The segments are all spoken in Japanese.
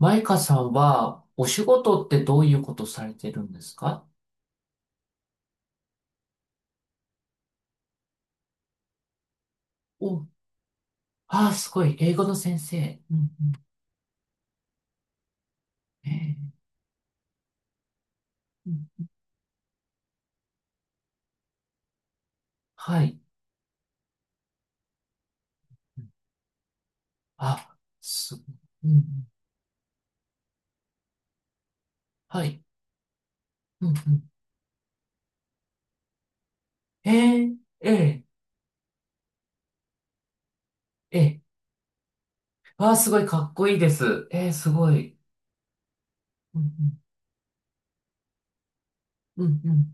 マイカさんは、お仕事ってどういうことされてるんですか？お、ああ、すごい。英語の先生。うんうん。えうん、はい。うん。あ、すごい。うんうん、はい。うんうん。えー、えー、えああ、すごい。かっこいいです。すごい。うんうん、うんうん、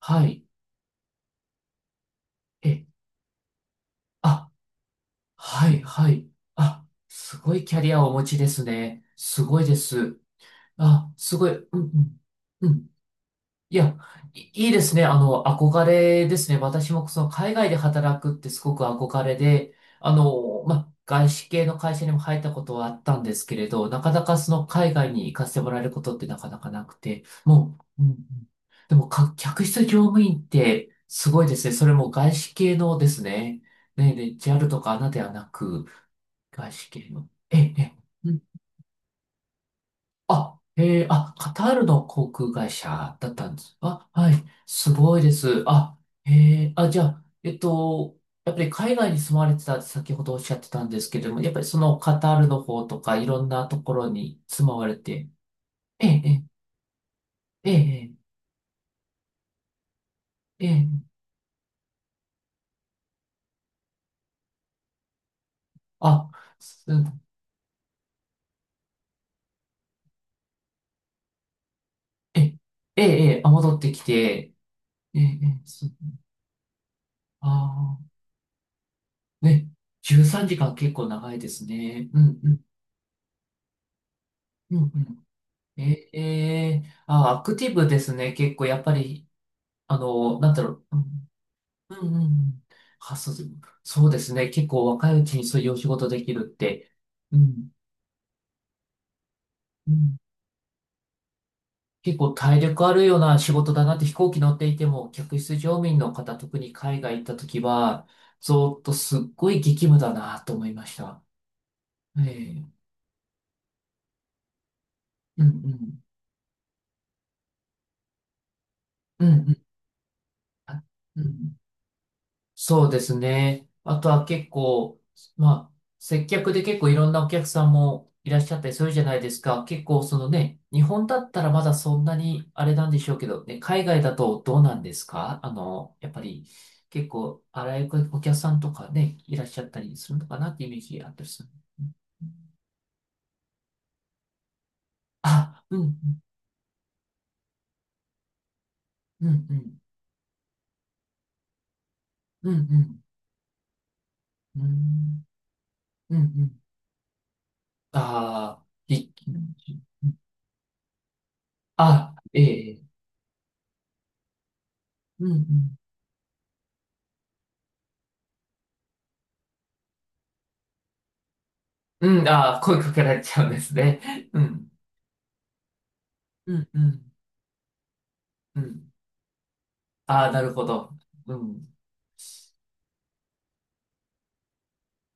はい。えー、あ、はい、はい。あ、すごいキャリアをお持ちですね。すごいです。あ、すごい。うんうん。うん、いや、いいいですね。憧れですね。私もその海外で働くってすごく憧れで、まあ、外資系の会社にも入ったことはあったんですけれど、なかなかその海外に行かせてもらえることってなかなかなくて、もう、うんうん。でもか、客室乗務員ってすごいですね。それも外資系のですね。ね、で JAL とか a ではなく、外資系の。ええ、ええ。あ、あ、カタールの航空会社だったんです。あ、はい。すごいです。あ、あ、じゃあ、やっぱり海外に住まれてたって先ほどおっしゃってたんですけれども、やっぱりそのカタールの方とかいろんなところに住まわれて、ええ、ええ、ええ、ええ、あ、す、ええ、ええ、ええあ、戻ってきて、ええ、ええ、す、ああ、ね、13時間結構長いですね。うん、うん、うん、うん。ええーあ、アクティブですね。結構、やっぱり、なんだろう。うん、うん、うんうん。あ、そう、そうですね。結構若いうちにそういうお仕事できるって、うん、うん。結構体力あるような仕事だなって飛行機乗っていても、客室乗務員の方、特に海外行った時は、ずっとすっごい激務だなと思いました。ええうん、うん、うん、うん。あうん、そうですね。あとは結構、まあ、接客で結構いろんなお客さんもいらっしゃったりするじゃないですか。結構そのね、日本だったらまだそんなにあれなんでしょうけど、ね、海外だとどうなんですか？やっぱり結構あらゆるお客さんとかね、いらっしゃったりするのかなってイメージあったりする。あ、うん、うん、うん、うん、うん、うん、うん、うん。ああ、い、あ、ええ、うん、うん。うん、ああ、声かけられちゃうんですね。うん、うん、うん、うん。ああ、なるほど。うん、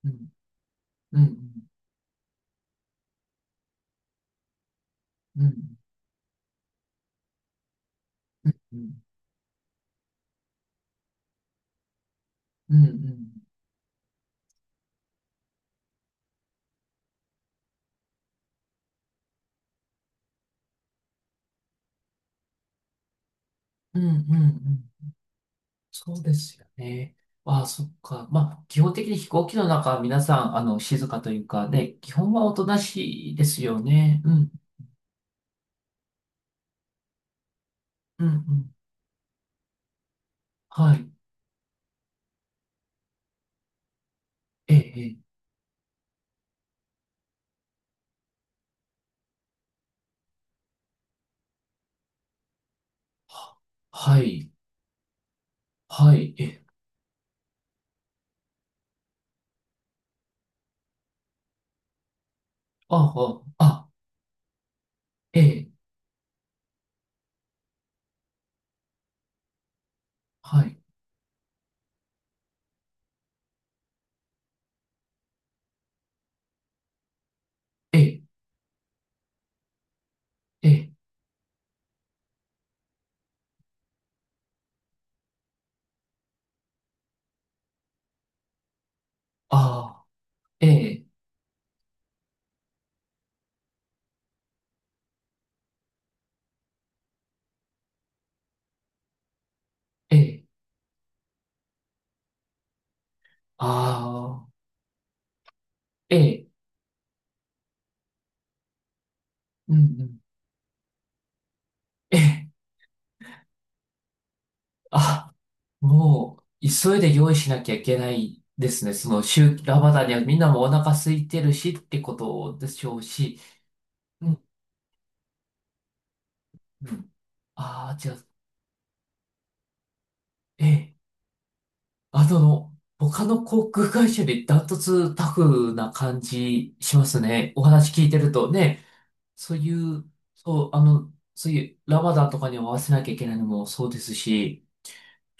うん、うん、うん、うん、うん、うん、うん、うん、うん。そうですよね。ああ、そっか。まあ、基本的に飛行機の中は皆さん、静かというかね、基本はおとなしいですよね。うん、うん、うん。はい。ええ、ええ、は、はい、はい、ええ、ああ、あ、ええ、はい、ええ、ええ、ああ、ええ、ええ、ああ、ええ、うんうん、ええ、あ、もう、急いで用意しなきゃいけないですね。その、週、ラマダンにはみんなもお腹空いてるしってことでしょうし、うん、うん。ああ、じゃあ、ええ、あの、他の航空会社よりダントツタフな感じしますね。お話聞いてるとね。そういう、そう、そういうラマダンとかに合わせなきゃいけないのもそうですし、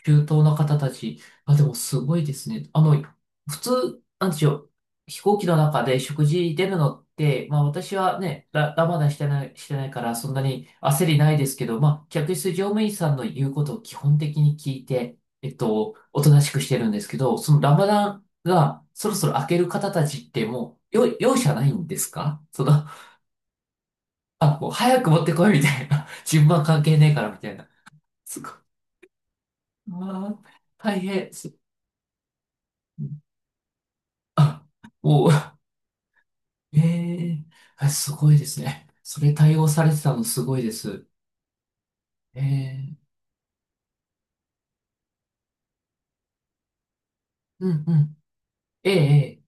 中東の方たち、あ、でもすごいですね。普通、なんでしょう、飛行機の中で食事出るのって、まあ私はね、ラマダンしてない、してないからそんなに焦りないですけど、まあ客室乗務員さんの言うことを基本的に聞いて、おとなしくしてるんですけど、そのラマダンがそろそろ明ける方たちってもう、容赦ないんですかその。あ、もう早く持ってこいみたいな。順番関係ねえからみたいな。すごい。うわー、大変。あ、もう、ええ、あ、すごいですね。それ対応されてたのすごいです。ええ、うんうん。ええええ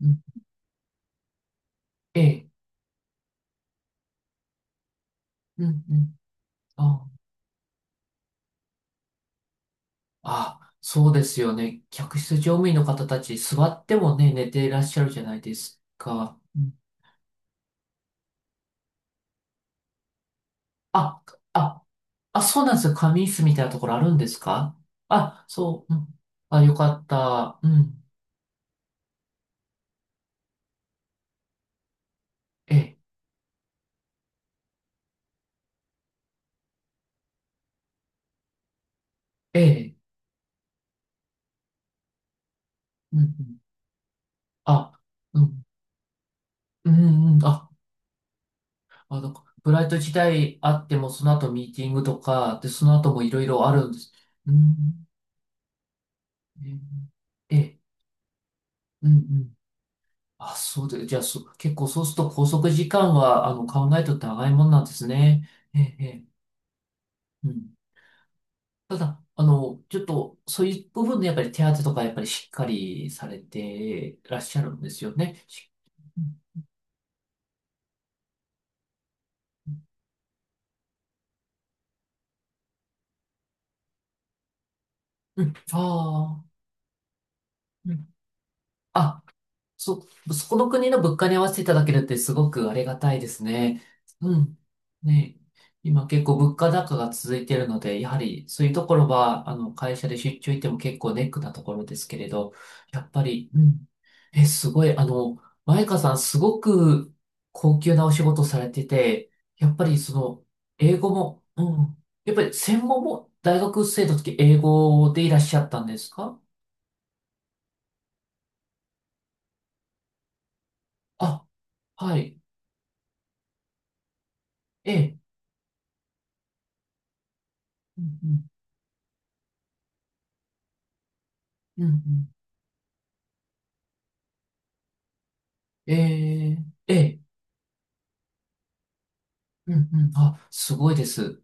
うん、ええ、うんうん。あ、あ、そうですよね。客室乗務員の方たち、座ってもね、寝ていらっしゃるじゃないですか。うん、あ、あ、あ、そうなんですよ。仮眠室みたいなところあるんですか？あ、そう。うん。あ、よかった。うん。ええ、ええ。うんうん。あ、うん。うんうん。あの、ブライト時代あっても、その後ミーティングとか、で、その後もいろいろあるんです。うん。ええ、ええ、うんうん。あ、そうで、じゃあ、そう、結構そうすると拘束時間は、考えとって長いもんなんですね。ええ、ええ。うん、ただ、ちょっと、そういう部分でやっぱり手当とかやっぱりしっかりされてらっしゃるんですよね。し、うん、う、ああー、うん。あ、そ、そこの国の物価に合わせていただけるってすごくありがたいですね。うん。ね、今結構物価高が続いているので、やはりそういうところは、会社で出張行っても結構ネックなところですけれど、やっぱり、うん。え、すごい、マイカさんすごく高級なお仕事をされてて、やっぱりその、英語も、うん。やっぱり専門も大学生の時英語でいらっしゃったんですか？あ、はい。ええ。うんうんうんうん、ええ、ええ、うんうん、あ、すごいです。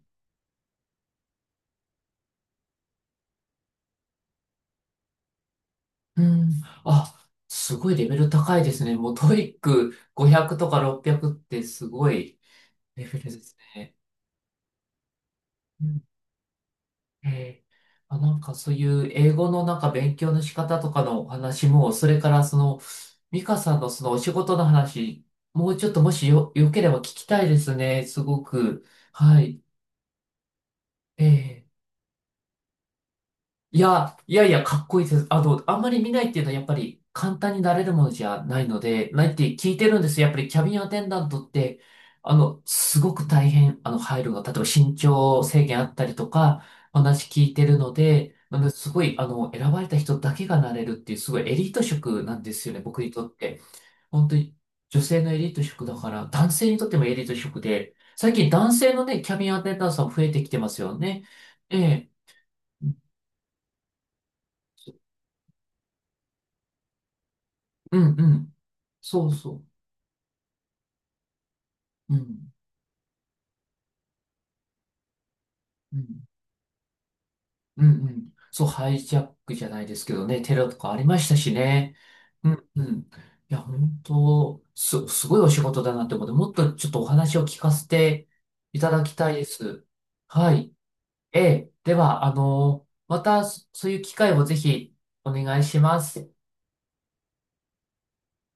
うん、あ、すごいレベル高いですね。もうトイック500とか600っぴゃくってすごいレベルですね。うん、ええ、あ、なんかそういう英語のなんか勉強の仕方とかのお話も、それからその、ミカさんのそのお仕事の話、もうちょっともしよ、よければ聞きたいですね。すごく。はい。ええ。いや、いやいや、かっこいいです。あんまり見ないっていうのはやっぱり簡単になれるものじゃないので、ないって聞いてるんですよ。やっぱりキャビンアテンダントって、すごく大変、入るのが、例えば身長制限あったりとか、話聞いてるので、なのですごい、選ばれた人だけがなれるっていう、すごいエリート職なんですよね、僕にとって。本当に、女性のエリート職だから、男性にとってもエリート職で、最近男性のね、キャビンアテンダントさん増えてきてますよね。ええ。うんうん。そうそう。うん。うん。うんうん。そう、ハイジャックじゃないですけどね、テロとかありましたしね。うんうん。いや、本当、す、すごいお仕事だなって思って、もっとちょっとお話を聞かせていただきたいです。はい。ええ。では、また、そういう機会をぜひお願いします。